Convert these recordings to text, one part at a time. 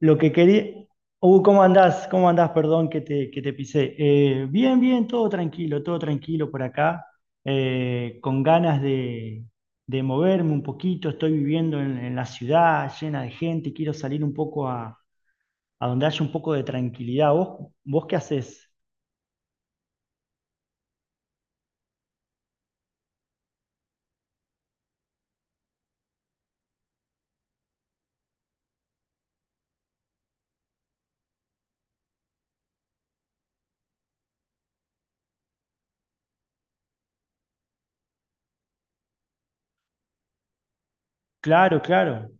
Lo que quería. ¿Cómo andás? ¿Cómo andás? Perdón que te pisé. Bien, todo tranquilo por acá. Con ganas de moverme un poquito. Estoy viviendo en la ciudad llena de gente. Quiero salir un poco a donde haya un poco de tranquilidad. ¿Vos qué haces? Claro, claro.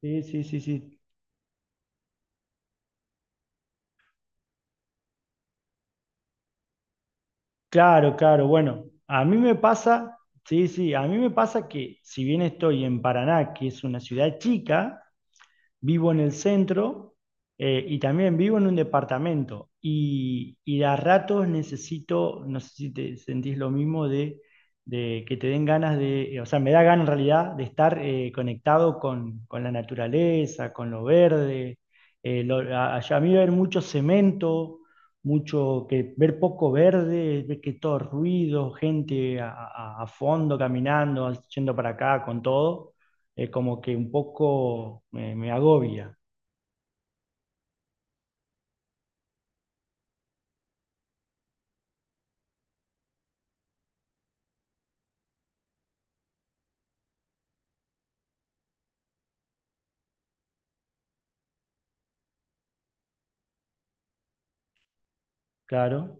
Sí, sí, sí, sí. Claro, claro. Bueno, a mí me pasa, sí, sí, a mí me pasa que si bien estoy en Paraná, que es una ciudad chica, vivo en el centro y también vivo en un departamento y de a ratos necesito, no sé si te sentís lo mismo, de que te den ganas de, o sea, me da ganas en realidad de estar conectado con la naturaleza, con lo verde. A mí ver mucho cemento, mucho que ver poco verde, ver que todo ruido, a fondo caminando, yendo para acá con todo como que un poco me agobia, claro,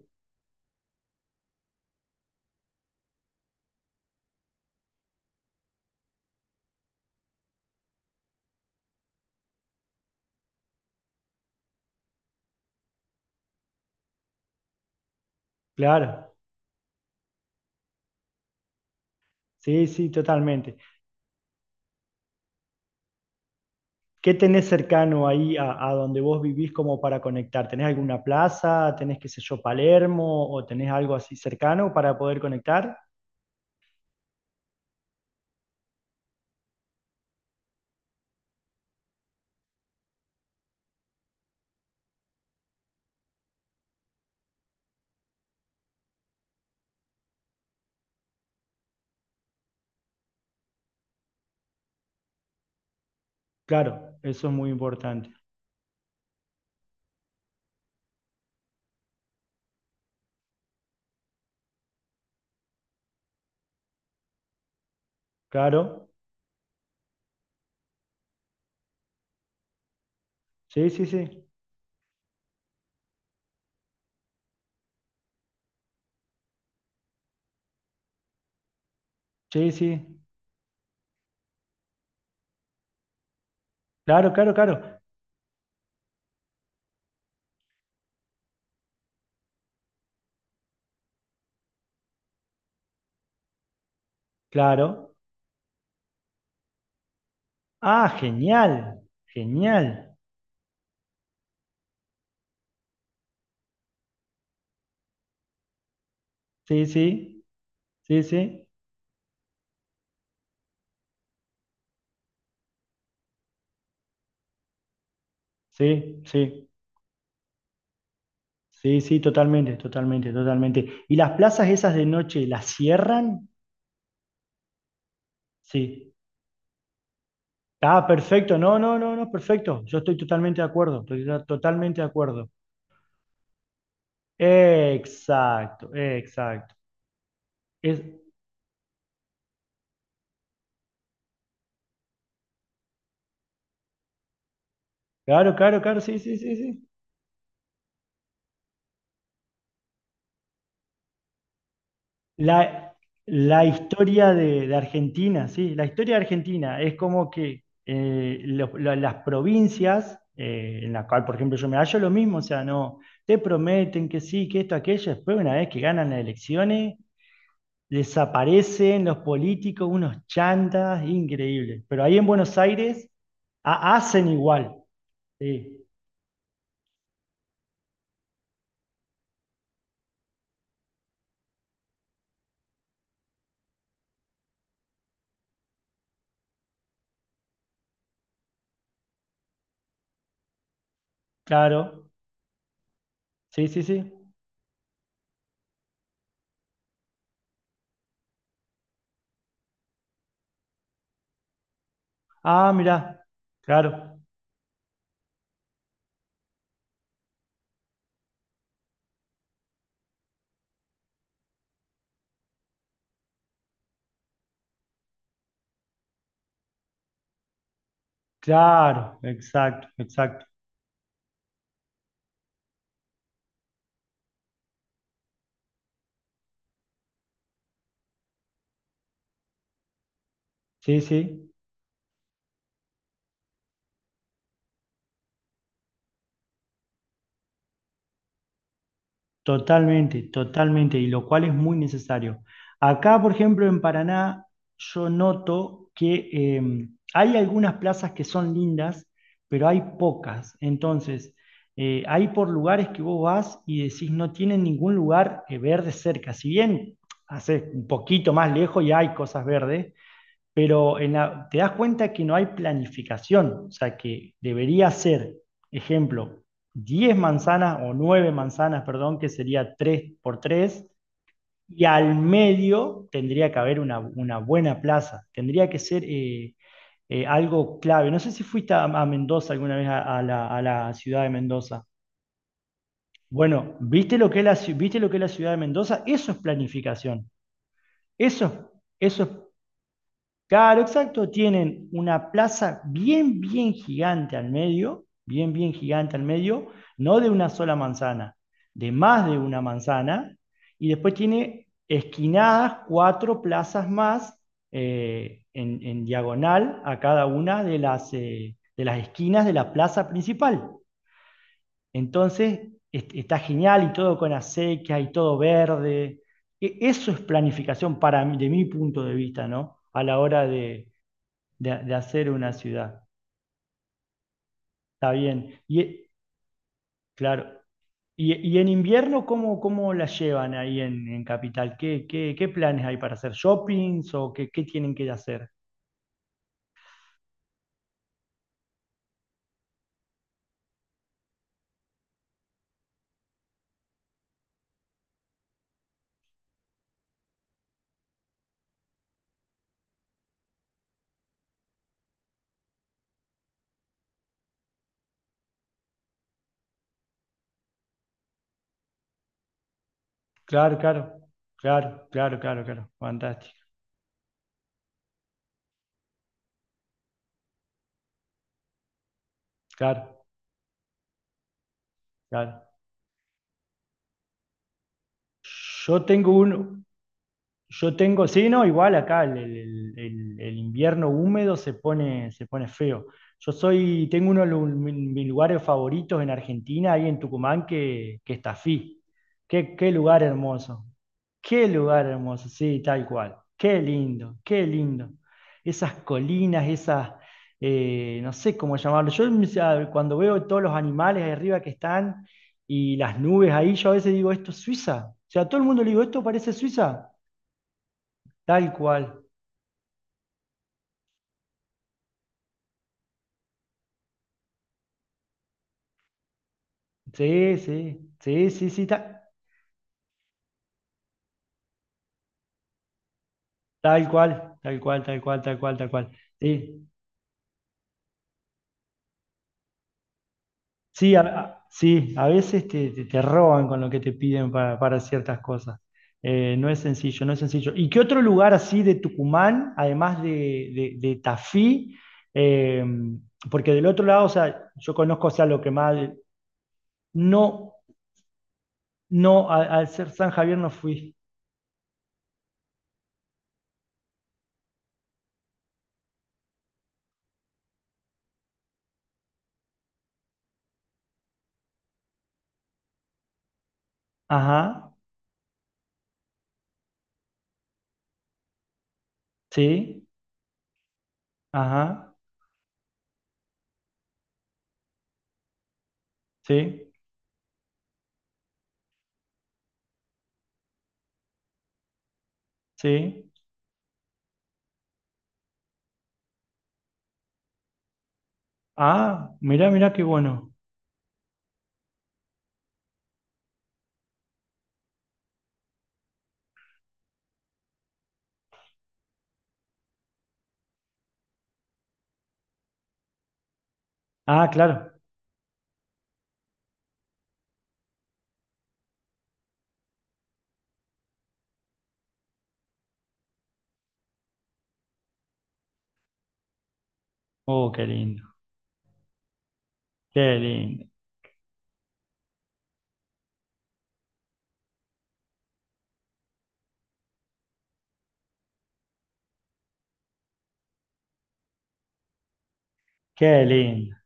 claro, sí, sí, totalmente. ¿Qué tenés cercano ahí a donde vos vivís como para conectar? ¿Tenés alguna plaza? ¿Tenés, qué sé yo, Palermo? ¿O tenés algo así cercano para poder conectar? Claro, eso es muy importante. Claro, sí, sí, sí, sí, sí, claro, claro, claro, claro. Ah, genial, genial, sí, sí, sí, sí, sí, sí. Sí, sí, totalmente, totalmente, totalmente. ¿Y las plazas esas de noche las cierran? Sí. Ah, perfecto. No, no, no, no, perfecto. Yo estoy totalmente de acuerdo. Totalmente de acuerdo. Exacto, exacto. Es, claro, claro, claro, sí, sí, sí, sí. La, la historia de Argentina, sí, la historia de Argentina es como que las provincias, en la cual, por ejemplo, yo me hallo lo mismo, o sea, no, te prometen que sí, que esto, aquello, después una vez que ganan las elecciones, desaparecen los políticos, unos chantas, increíble. Pero ahí en Buenos Aires hacen igual, sí, claro, sí, sí, sí. Ah, mirá, claro, claro, exacto, exacto, sí, sí. Totalmente, totalmente, y lo cual es muy necesario. Acá, por ejemplo, en Paraná, yo noto que hay algunas plazas que son lindas, pero hay pocas. Entonces, hay por lugares que vos vas y decís no tienen ningún lugar verde cerca. Si bien hace un poquito más lejos y hay cosas verdes, pero en la- te das cuenta que no hay planificación, o sea que debería ser, ejemplo, 10 manzanas o 9 manzanas, perdón, que sería 3 por 3 y al medio tendría que haber una buena plaza, tendría que ser algo clave. No sé si fuiste a Mendoza alguna vez a la ciudad de Mendoza. Bueno, ¿viste lo que es la ciudad de Mendoza? Eso es planificación, eso, eso es claro, exacto. Tienen una plaza bien, bien gigante al medio, bien, bien gigante al medio, no de una sola manzana, de más de una manzana. Y después tiene esquinadas cuatro plazas más en diagonal a cada una de las esquinas de la plaza principal. Entonces, está genial y todo con acequias, y todo verde. Eso es planificación para mí, de mi punto de vista, ¿no? A la hora de de hacer una ciudad. Está bien. Y, claro. Y en invierno, ¿cómo, cómo la llevan ahí en Capital? ¿Qué, qué, qué planes hay para hacer? ¿Shoppings o qué, qué tienen que hacer? Claro, claro, claro, claro, claro, claro. Fantástico. Claro, claro. Yo tengo un, yo tengo, sí, no, igual acá el invierno húmedo se pone feo. Tengo uno de mis lugares favoritos en Argentina, ahí en Tucumán, que es Tafí. Qué, qué lugar hermoso. Qué lugar hermoso, sí, tal cual. Qué lindo, qué lindo. Esas colinas, esas, no sé cómo llamarlo. Yo o sea, cuando veo todos los animales ahí arriba que están y las nubes ahí, yo a veces digo, esto es Suiza. O sea, a todo el mundo le digo, esto parece Suiza. Tal cual. Sí, sí, sí, sí, sí, tal cual, tal cual, tal cual, tal cual, tal cual. Sí, sí, a- sí, a veces te, te, te roban con lo que te piden para ciertas cosas. No es sencillo, no es sencillo. ¿Y qué otro lugar así de Tucumán, además de Tafí? Eh, Porque del otro lado, o sea, yo conozco, o sea, lo que más... No, no, al, al ser San Javier no fui. Ajá, sí, ajá, sí, sí. Ah, mirá, mirá qué bueno. Ah, claro. Oh, qué lindo, qué lindo, qué lindo.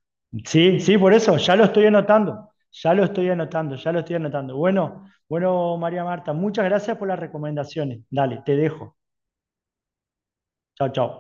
Sí, sí, por eso, ya lo estoy anotando, ya lo estoy anotando, ya lo estoy anotando. Bueno, bueno, María Marta, muchas gracias por las recomendaciones. Dale, te dejo. Chao, chao.